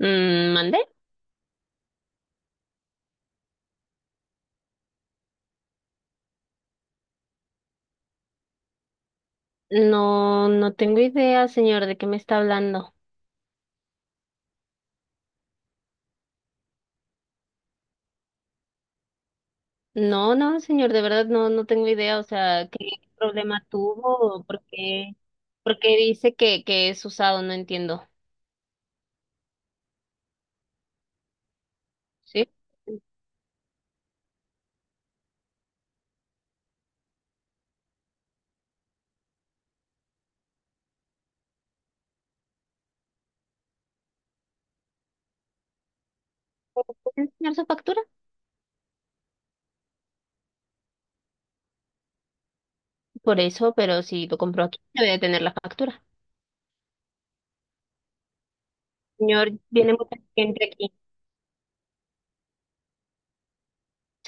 Mm, ¿mande? No, no tengo idea, señor, de qué me está hablando. No, no, señor, de verdad no tengo idea. O sea, ¿qué problema tuvo? ¿O por qué dice que es usado? No entiendo. ¿Sí? ¿Puede enseñar su factura? Por eso, pero si lo compró aquí, debe de tener la factura. Señor, viene mucha gente aquí.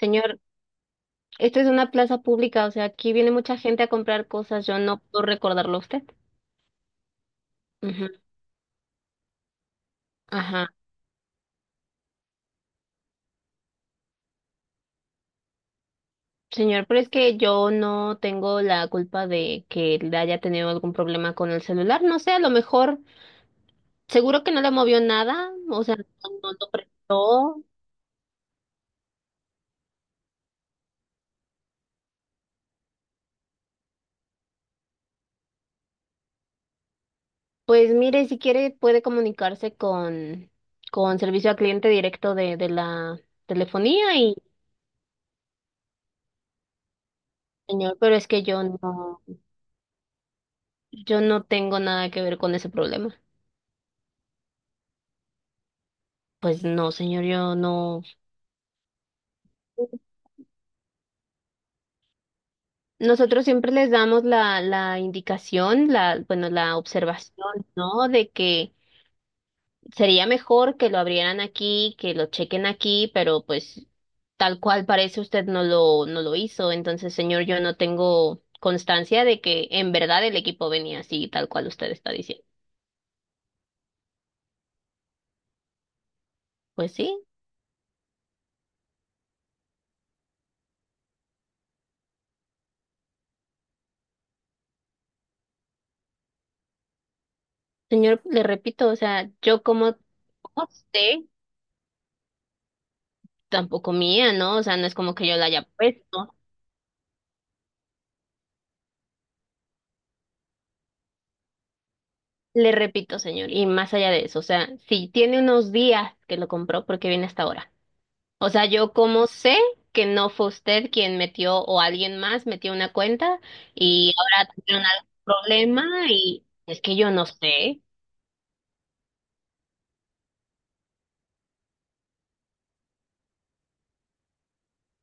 Señor, esto es una plaza pública, o sea, aquí viene mucha gente a comprar cosas. Yo no puedo recordarlo a usted. Ujú, ajá. Señor, pero es que yo no tengo la culpa de que él haya tenido algún problema con el celular. No sé, a lo mejor, seguro que no le movió nada, o sea, no, no lo prestó. Pues mire, si quiere puede comunicarse con servicio al cliente directo de la telefonía y, señor, pero es que yo no tengo nada que ver con ese problema. Pues no, señor, yo no. Nosotros siempre les damos la indicación, la, bueno, la observación, ¿no? De que sería mejor que lo abrieran aquí, que lo chequen aquí, pero pues tal cual parece usted no lo hizo. Entonces, señor, yo no tengo constancia de que en verdad el equipo venía así, tal cual usted está diciendo. Pues sí, señor, le repito, o sea, yo como usted tampoco mía, ¿no? O sea, no es como que yo la haya puesto. Le repito, señor, y más allá de eso, o sea, si tiene unos días que lo compró, ¿por qué viene hasta ahora? O sea, yo como sé que no fue usted quien metió o alguien más metió una cuenta y ahora tuvieron algún problema y es que yo no sé.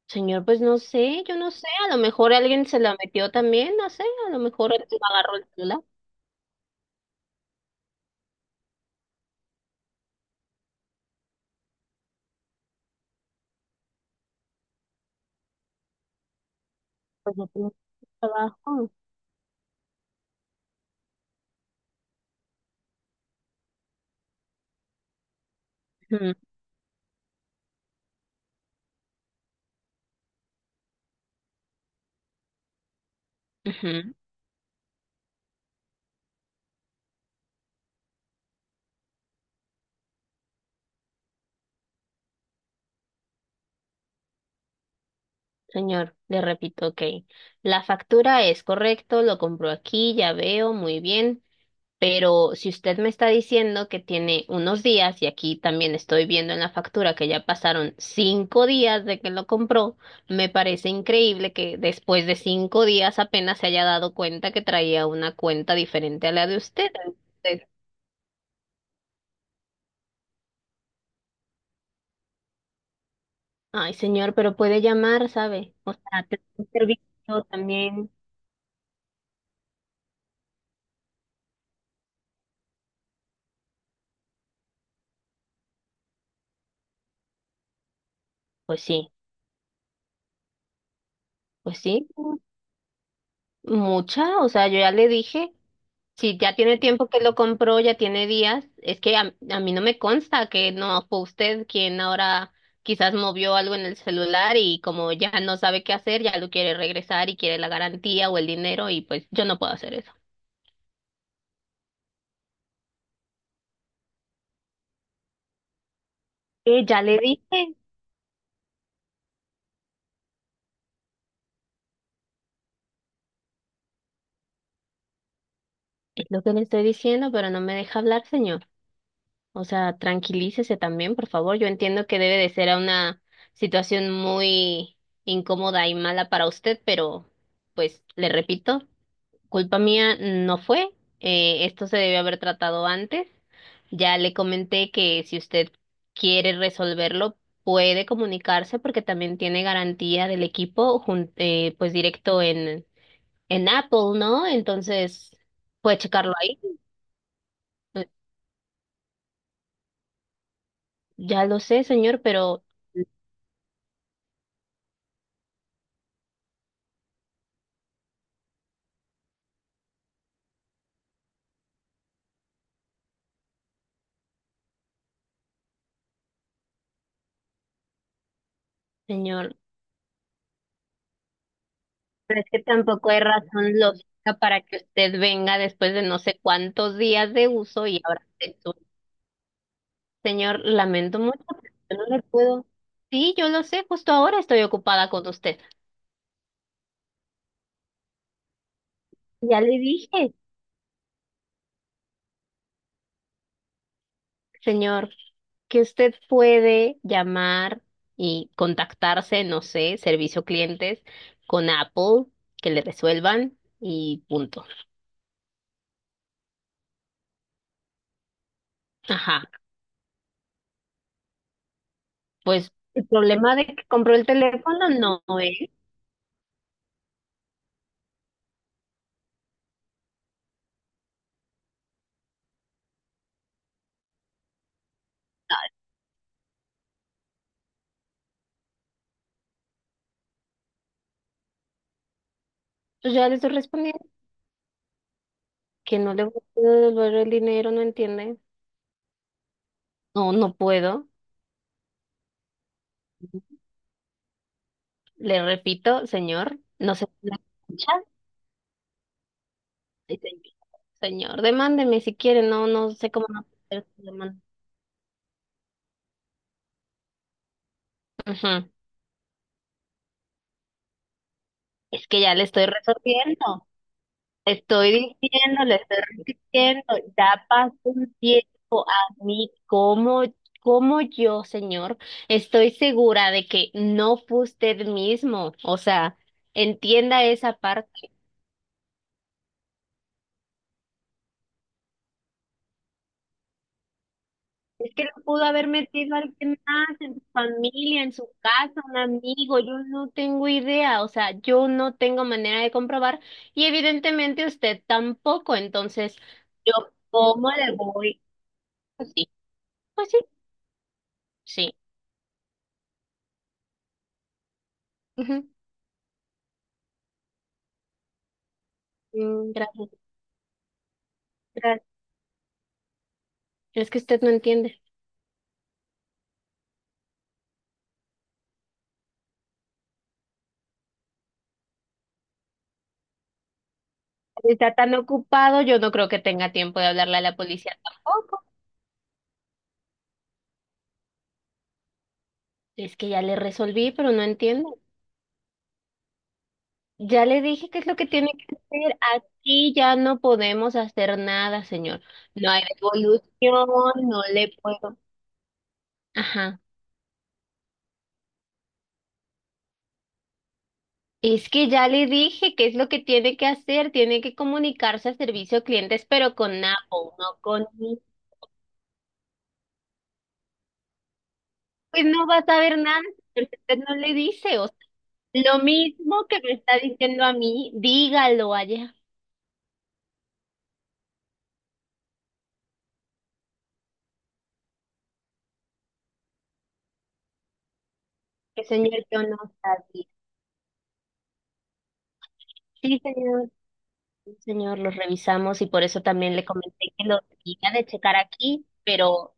Señor, pues no sé, yo no sé. A lo mejor alguien se la metió también, no sé. A lo mejor él agarró el celular. Pues yo tengo trabajo. Ujú, ujú. Señor, le repito, ok. La factura es correcto, lo compro aquí, ya veo, muy bien. Pero si usted me está diciendo que tiene unos días, y aquí también estoy viendo en la factura que ya pasaron 5 días de que lo compró, me parece increíble que después de 5 días apenas se haya dado cuenta que traía una cuenta diferente a la de usted. Entonces, ay, señor, pero puede llamar, ¿sabe? O sea, te un servicio también. Pues sí, pues sí, mucha. O sea, yo ya le dije. Si ya tiene tiempo que lo compró, ya tiene días, es que a mí no me consta que no fue usted quien ahora quizás movió algo en el celular y como ya no sabe qué hacer, ya lo quiere regresar y quiere la garantía o el dinero y pues yo no puedo hacer eso. Ya le dije, es lo que le estoy diciendo, pero no me deja hablar, señor. O sea, tranquilícese también, por favor. Yo entiendo que debe de ser una situación muy incómoda y mala para usted, pero pues le repito. Culpa mía no fue. Esto se debe haber tratado antes. Ya le comenté que si usted quiere resolverlo, puede comunicarse porque también tiene garantía del equipo, pues directo en Apple, ¿no? Entonces, puede checarlo ahí. Eh, Ya lo sé, señor, pero es que tampoco hay razón lógica para que usted venga después de no sé cuántos días de uso y ahora señor, lamento mucho, pero yo no le puedo. Sí, yo lo sé, justo ahora estoy ocupada con usted. Ya le dije, señor, que usted puede llamar y contactarse, no sé, servicio clientes con Apple, que le resuelvan y punto. Ajá, pues el problema de que compró el teléfono no es. Pues ya le estoy respondiendo que no le puedo devolver el dinero, ¿no entiende? No, no puedo. Le repito, señor, no sé si me escucha. Ay, señor, señor, demándeme si quiere, no, no sé cómo va a hacer su demanda. Ujú. Es que ya le estoy resolviendo, le estoy diciendo, le estoy repitiendo, ya pasó un tiempo a mí, como, como yo, señor, estoy segura de que no fue usted mismo, o sea, entienda esa parte. Es que lo pudo haber metido alguien más en su familia, en su casa, un amigo, yo no tengo idea, o sea, yo no tengo manera de comprobar y evidentemente usted tampoco, entonces, ¿yo cómo le voy? Pues sí, pues sí, sí. Ujú, mm, gracias, gracias. Es que usted no entiende. Está tan ocupado, yo no creo que tenga tiempo de hablarle a la policía tampoco. Es que ya le resolví, pero no entiende. Ya le dije qué es lo que tiene que hacer. Aquí ya no podemos hacer nada, señor. No hay devolución, no le puedo. Ajá. Es que ya le dije qué es lo que tiene que hacer. Tiene que comunicarse a servicio a clientes, pero con Apple, no con pues no va a saber nada porque usted no le dice. O sea, lo mismo que me está diciendo a mí, dígalo allá. Que señor, yo no sabía. Sí, señor. Señor, los revisamos y por eso también le comenté que lo tenía de checar aquí, pero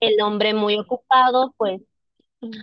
el hombre muy ocupado, pues